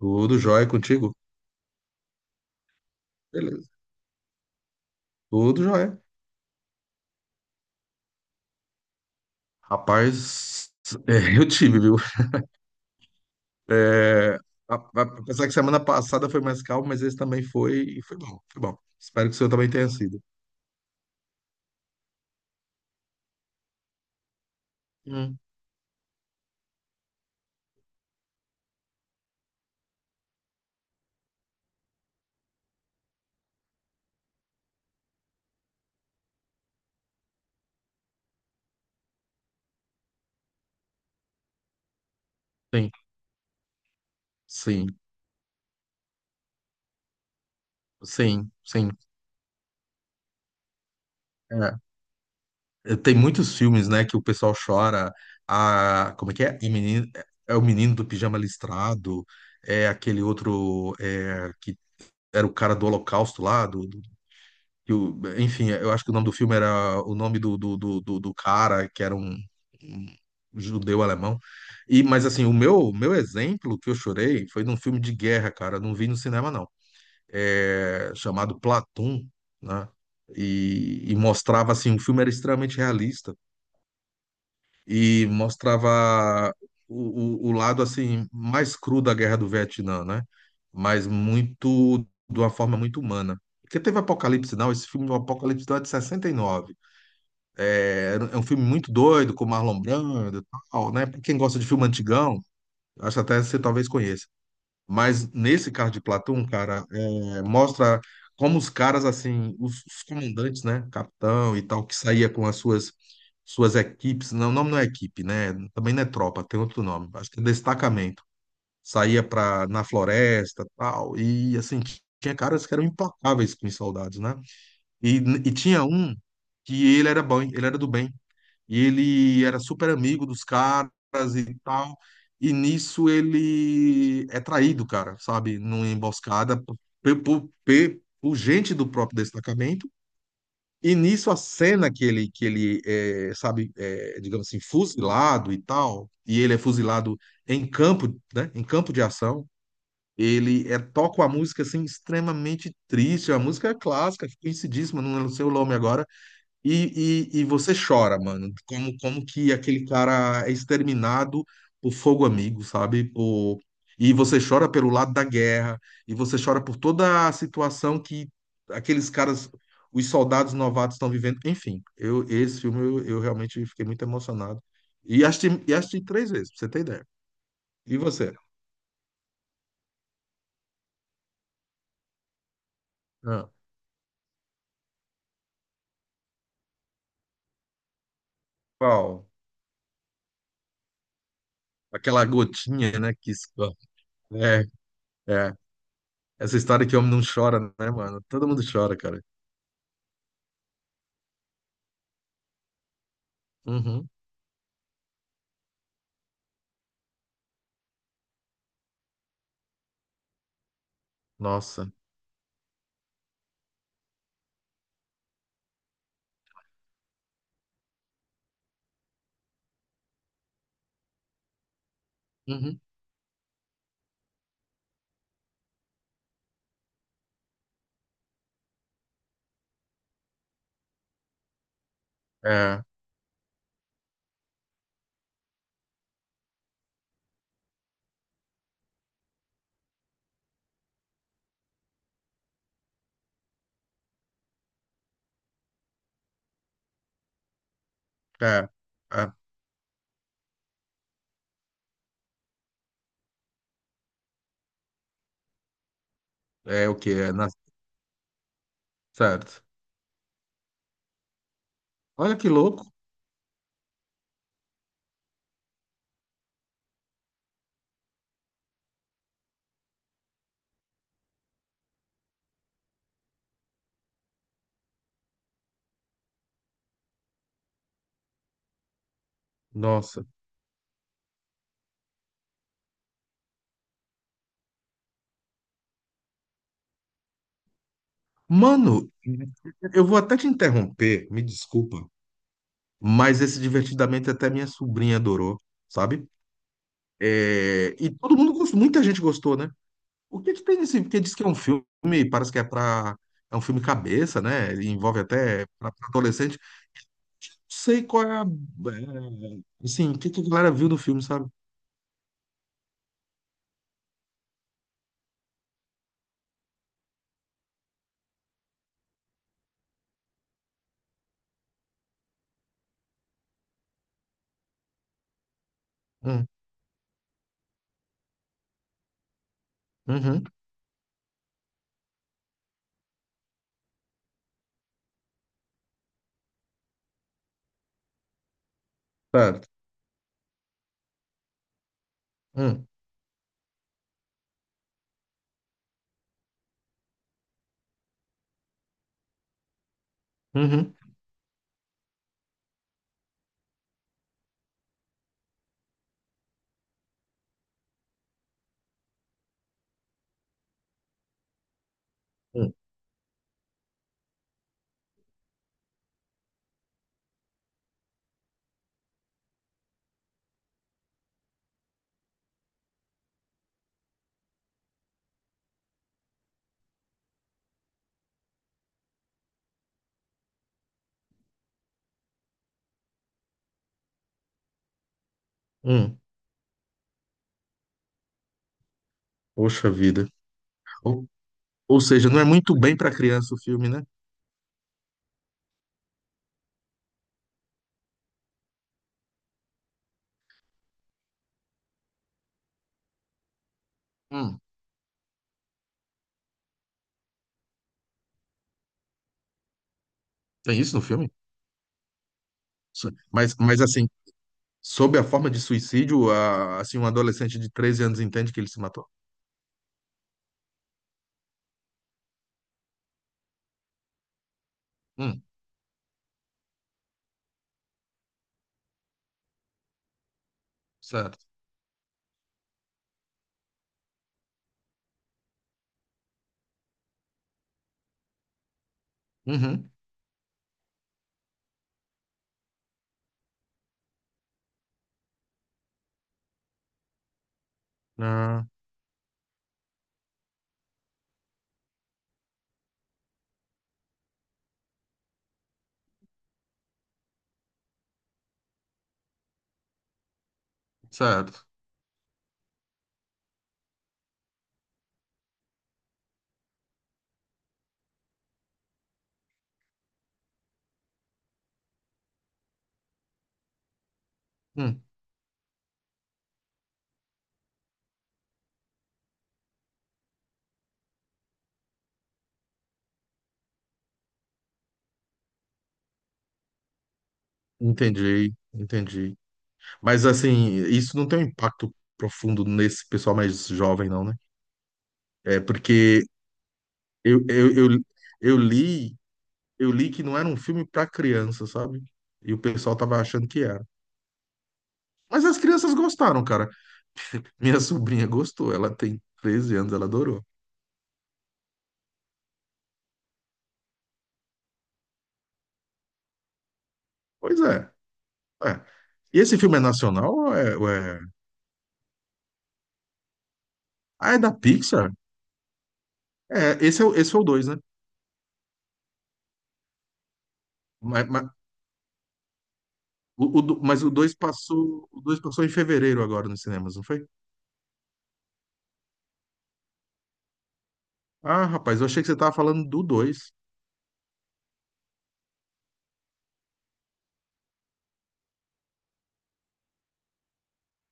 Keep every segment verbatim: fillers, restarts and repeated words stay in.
Tudo jóia contigo? Beleza. Tudo jóia. Rapaz, é, eu tive, viu? É, a- a- apesar que semana passada foi mais calmo, mas esse também foi, foi bom, foi bom. Espero que o seu também tenha sido. Hum, sim, sim, sim, sim. É. É, tem muitos filmes, né, que o pessoal chora. A, como é que é? O menino, é é o menino do pijama listrado, é aquele outro é, que era o cara do Holocausto lá, do. Que o- enfim, eu acho que o nome do filme era o nome do, do, do, do, do cara, que era um, um judeu alemão. E, mas assim, o meu, o meu exemplo que eu chorei foi num filme de guerra, cara. Não vi no cinema, não. É, chamado Platão, né? E, e mostrava assim, o filme era extremamente realista e mostrava o, o, o lado assim mais cru da Guerra do Vietnã, né? Mas muito de uma forma muito humana. Porque teve Apocalipse Now, esse filme do Apocalipse Now é de sessenta e nove. É, é um filme muito doido, com Marlon Brando e tal, né? Pra quem gosta de filme antigão, acho até que você talvez conheça. Mas nesse caso de Platão, cara, é, mostra como os caras, assim, os, os comandantes, né, capitão e tal, que saía com as suas suas equipes, não, o nome não é equipe, né? Também não é tropa, tem outro nome, acho que é destacamento. Saía para na floresta, tal, e assim, tinha caras que eram implacáveis com os soldados, né? E, e tinha um que ele era bom, ele era do bem. E ele era super amigo dos caras e tal. E nisso ele é traído, cara, sabe? Numa emboscada por, por, por- por gente do próprio destacamento. E nisso a cena que ele, que ele é, sabe, é, digamos assim, fuzilado e tal, e ele é fuzilado em campo, né? Em campo de ação. Ele é, toca uma música assim extremamente triste, a música é clássica, conhecidíssima, não sei o nome agora, e, e, e você chora, mano, como, como que aquele cara é exterminado por fogo amigo, sabe? Por. E você chora pelo lado da guerra, e você chora por toda a situação que aqueles caras, os soldados novatos estão vivendo. Enfim, eu, esse filme eu, eu realmente fiquei muito emocionado. E assisti, e assisti três vezes, pra você ter ideia. E você? Ah, qual? Aquela gotinha, né, que escorre. É, é. Essa história que o homem não chora, né, mano? Todo mundo chora, cara. Uhum. Nossa. Uhum. É, é, é, é o que é, na- certo. Olha que louco. Nossa. Mano, eu vou até te interromper, me desculpa, mas esse divertidamente até minha sobrinha adorou, sabe? É, e todo mundo gostou, muita gente gostou, né? O que que tem nesse, porque diz que é um filme, parece que é pra, é um filme cabeça, né? Ele envolve até pra, pra adolescente. Não sei qual é a, é, assim, o que que a galera viu do filme, sabe? Hum, uhum, certo. Hum, uhum. Hum, hum. Poxa vida. Ou, ou seja, não é muito bem para criança o filme, né? Hum, Tem isso no filme? So- Mas, mas assim, sob a forma de suicídio, a- assim, um adolescente de treze anos entende que ele se matou. Hum, certo. Uhum. Ah, certo. Hum, entendi, entendi. Mas assim, isso não tem um impacto profundo nesse pessoal mais jovem, não, né? É porque eu, eu, eu, eu li, eu li que não era um filme para criança, sabe? E o pessoal tava achando que era. Mas as crianças gostaram, cara. Minha sobrinha gostou, ela tem treze anos, ela adorou. Pois é. É. E esse filme é nacional ou é, ou é- Ah, é da Pixar? É, esse é, o- esse é o dois, né? Mas, mas o, o do- mas o dois passou, o dois passou em fevereiro agora nos cinemas, não foi? Ah, rapaz, eu achei que você tava falando do dois.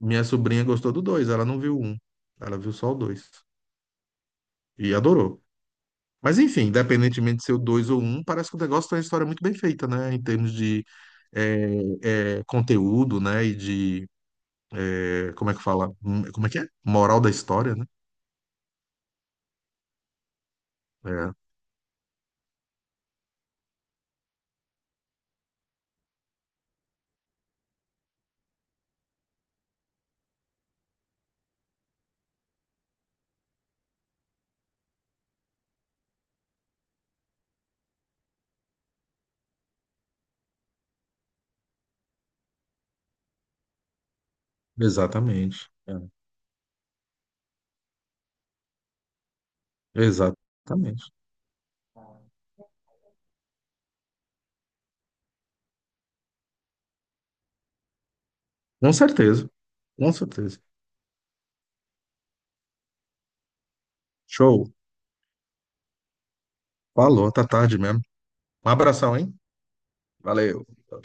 Minha sobrinha gostou do dois. Ela não viu o um. Ela viu só o dois e adorou. Mas enfim, independentemente de ser o dois ou um, parece que o negócio tem uma história muito bem feita, né? Em termos de é, é, conteúdo, né? E de, é, como é que fala? Hum, Como é que é? Moral da história, né? É, exatamente. É, exatamente. Com certeza, com certeza. Show. Falou, tá tarde mesmo. Um abração, hein? Valeu.